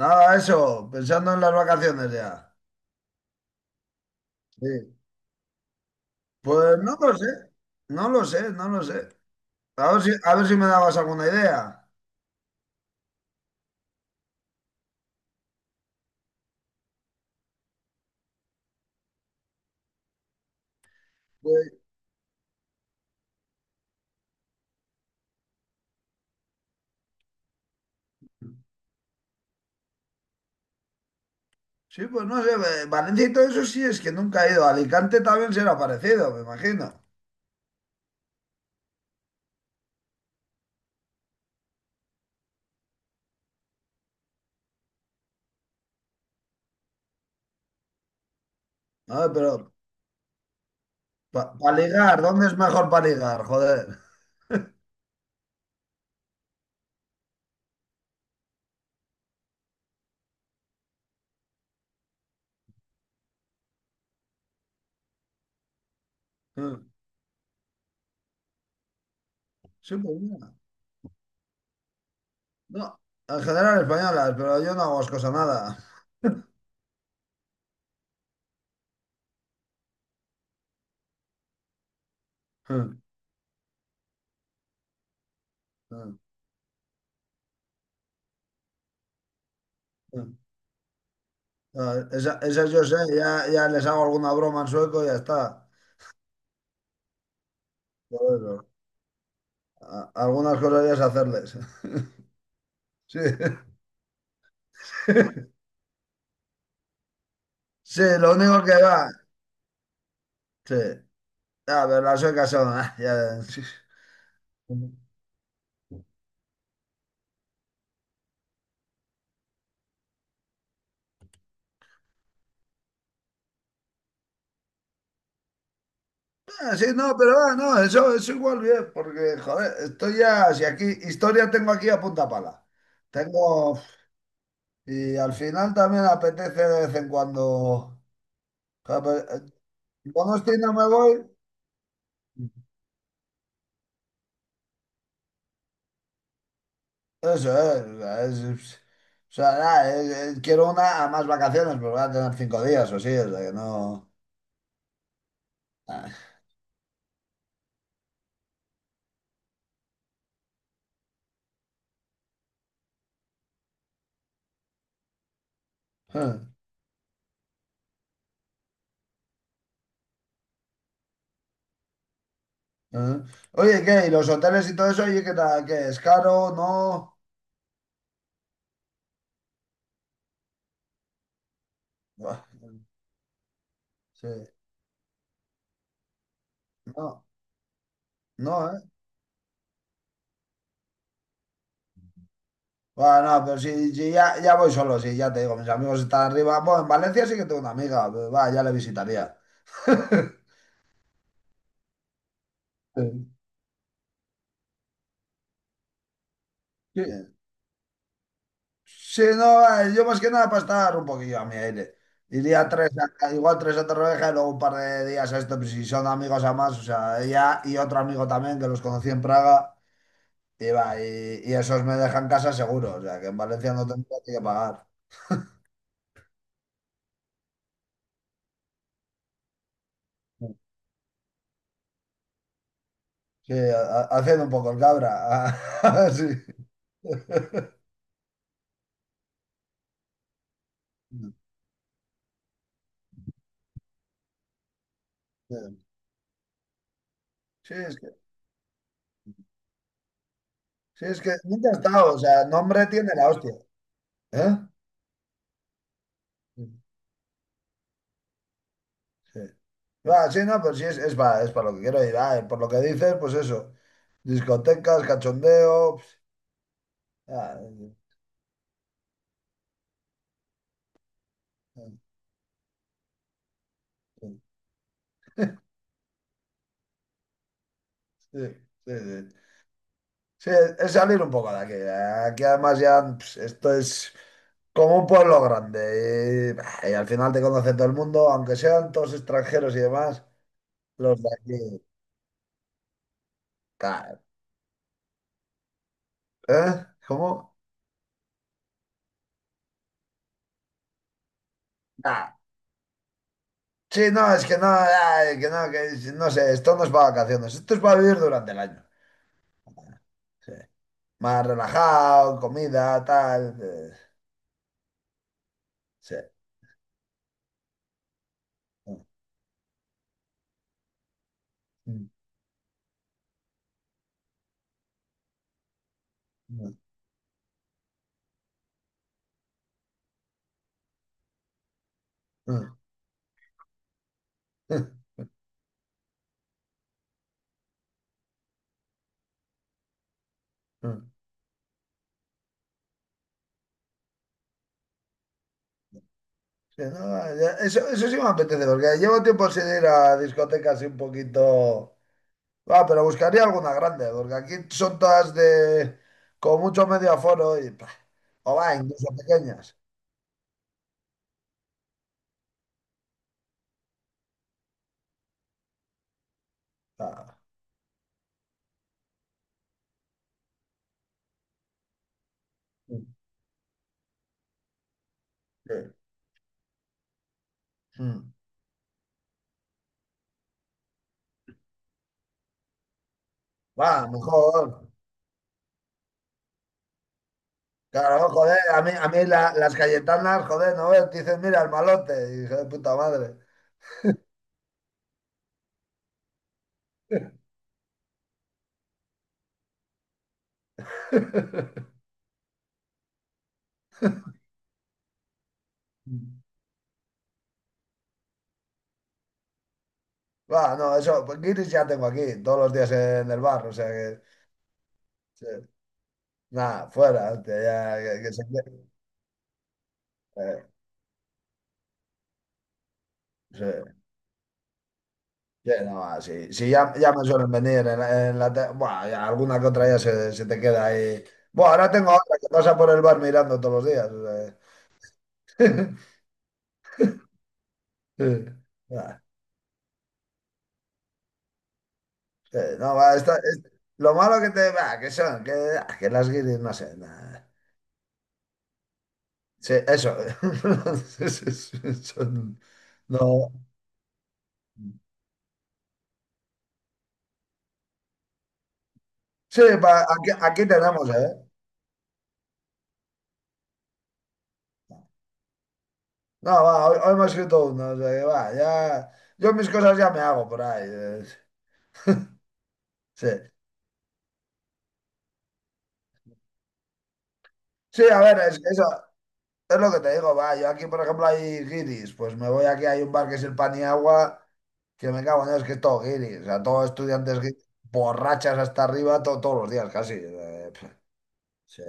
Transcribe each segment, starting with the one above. Nada, eso, pensando en las vacaciones ya. Sí. Pues no lo sé, no lo sé, no lo sé. A ver si me dabas alguna idea. Pues, sí, pues no sé, Valencia y todo eso sí es que nunca he ido. Alicante también será parecido, me imagino. A ver, pero para ligar, ¿dónde es mejor para ligar? Joder. Mm. Sí, pues mira. No, en general españolas, pero yo no hago cosa nada. Mm, mm, mm. Ah, esas yo sé, ya les hago alguna broma en sueco y ya está. Bueno, algunas cosas ya es hacerles. Sí. Sí, lo único que va. Sí. A ver, las suecas son. Sí. Ah, sí, no, pero no, eso es igual bien, porque, joder, estoy ya. Si aquí, historia tengo aquí a punta pala. Tengo. Y al final también apetece de vez en cuando. Joder, pero, Donosti no me voy. Eso es. O sea, o sea, nada, quiero una a más vacaciones, pero voy a tener 5 días o sí, o sea que no. Ah. Ah, ah. Oye, ¿qué? ¿Y los hoteles y todo eso? Oye, ¿qué tal? ¿Qué? ¿Es caro? ¿No? Buah, sí. No, no, ¿eh? Bueno, no, pero si ya voy solo, sí, ya te digo, mis amigos están arriba. Bueno, en Valencia sí que tengo una amiga, pero va, ya le visitaría. Sí, sí, sí, no, yo más que nada para estar un poquillo a mi aire. Iría tres, igual tres a Torrevieja y luego un par de días a esto, pues, si son amigos a más, o sea, ella y otro amigo también que los conocí en Praga. Y, va, y esos me dejan casa seguro, o sea que en Valencia no tendría que pagar. Sí, haciendo un poco el cabra. Sí. Sí, es que, sí, es que nunca he estado, o sea, nombre tiene la hostia. ¿Eh? Sí. Va, sí, no, pues sí, es para lo que quiero ir. Ah, por lo que dices, pues eso. Discotecas, cachondeo. Ah, sí, sí, sí, sí. Sí, es salir un poco de aquí. Aquí además ya esto es como un pueblo grande. Y, bah, y al final te conoce todo el mundo, aunque sean todos extranjeros y demás, los de aquí. Tal. ¿Eh? ¿Cómo? Nah. Sí, no, es que no, ay, que no, que no sé, esto no es para vacaciones, esto es para vivir durante el año. Sí. Más relajado, comida, tal. Sí. Mm, mm, mm, mm, mm. Sí, no, eso, eso sí me apetece, porque llevo tiempo sin ir a discotecas y un poquito. Ah, pero buscaría alguna grande, porque aquí son todas de con mucho medio aforo y pah, o va, incluso pequeñas. Ah, sí, sí. Mm. Va, mejor. Claro, joder, a mí las cayetanas, joder, no ves, te dicen, mira, el malote, y hijo de puta madre. Mm. Va, no, eso, pues guiris ya tengo aquí, todos los días en el bar, o sea que, sí. Nada, fuera, hostia, ya, que se quede. Eh, sí. Sí, no, sí, sí, ya me suelen venir Buah, ya alguna que otra ya se te queda ahí. Bueno, ahora tengo otra que pasa por el bar mirando todos los días. O sea. Sí. Ah, sí, no, va, lo malo que te va, que son, que las guiris, no sé, nada. Sí, eso. Sí, sí, sí, no. Sí, va, aquí tenemos, ¿eh? No, va, hoy me he escrito uno, o sea que va, ya. Yo mis cosas ya me hago por ahí. Sí. Sí, a ver, eso, es lo que te digo, va, yo aquí, por ejemplo, hay guiris, pues me voy aquí, hay un bar que es el pan y agua, que me cago en Dios, que es todo guiris, o sea, todos estudiantes guiris, borrachas hasta arriba todos los días, casi. Sí.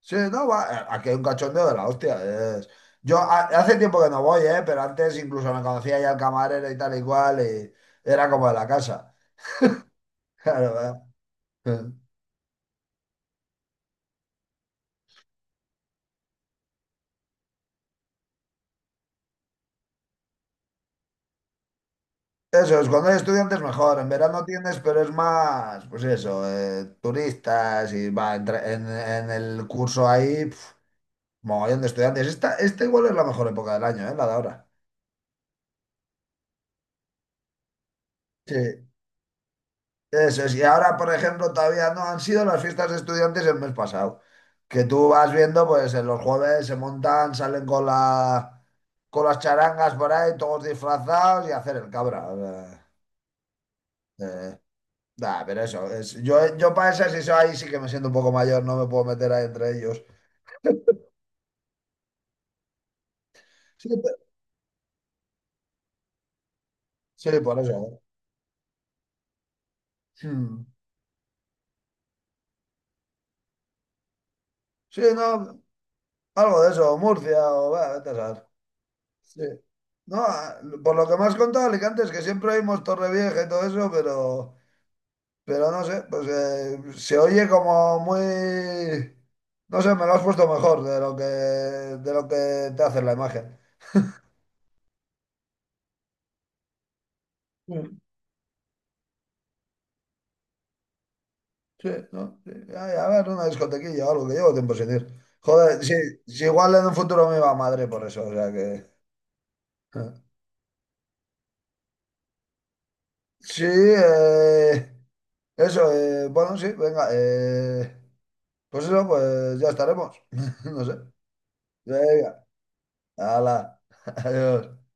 Sí, no, va, aquí hay un cachondeo de la hostia. es- Yo hace tiempo que no voy, pero antes incluso me conocía ya el camarero y tal y cual, y era como de la casa. Claro, ¿verdad? Eso es, cuando hay estudiantes mejor, en verano tienes, pero es más, pues eso, turistas y va, en el curso ahí, mogollón de estudiantes. Esta igual es la mejor época del año, ¿eh? La de ahora. Sí, eso es. Y ahora, por ejemplo, todavía no han sido las fiestas de estudiantes el mes pasado. Que tú vas viendo, pues en los jueves se montan, salen con las charangas por ahí, todos disfrazados y a hacer el cabra. O sea. eh, Nah, pero eso, yo para esas, eso ahí sí que me siento un poco mayor, no me puedo meter ahí entre ellos. Sí, sí, por eso. ¿Eh? Hmm. Sí, no, algo de eso, Murcia o va vete a saber. Sí. No, ah, por lo que me has contado, Alicante, es que siempre oímos Torrevieja y todo eso, pero no sé, pues se oye como muy. No sé, me lo has puesto mejor de lo que te hace la imagen. Sí, ¿no? Sí. Ay, a ver, una discotequilla o algo, que llevo tiempo sin ir. Joder, sí, sí, igual en un futuro me va a Madrid por eso, o sea que. ¿Eh? Sí, eso, bueno, sí, venga, pues eso, pues ya estaremos, no sé. Venga, hala, adiós.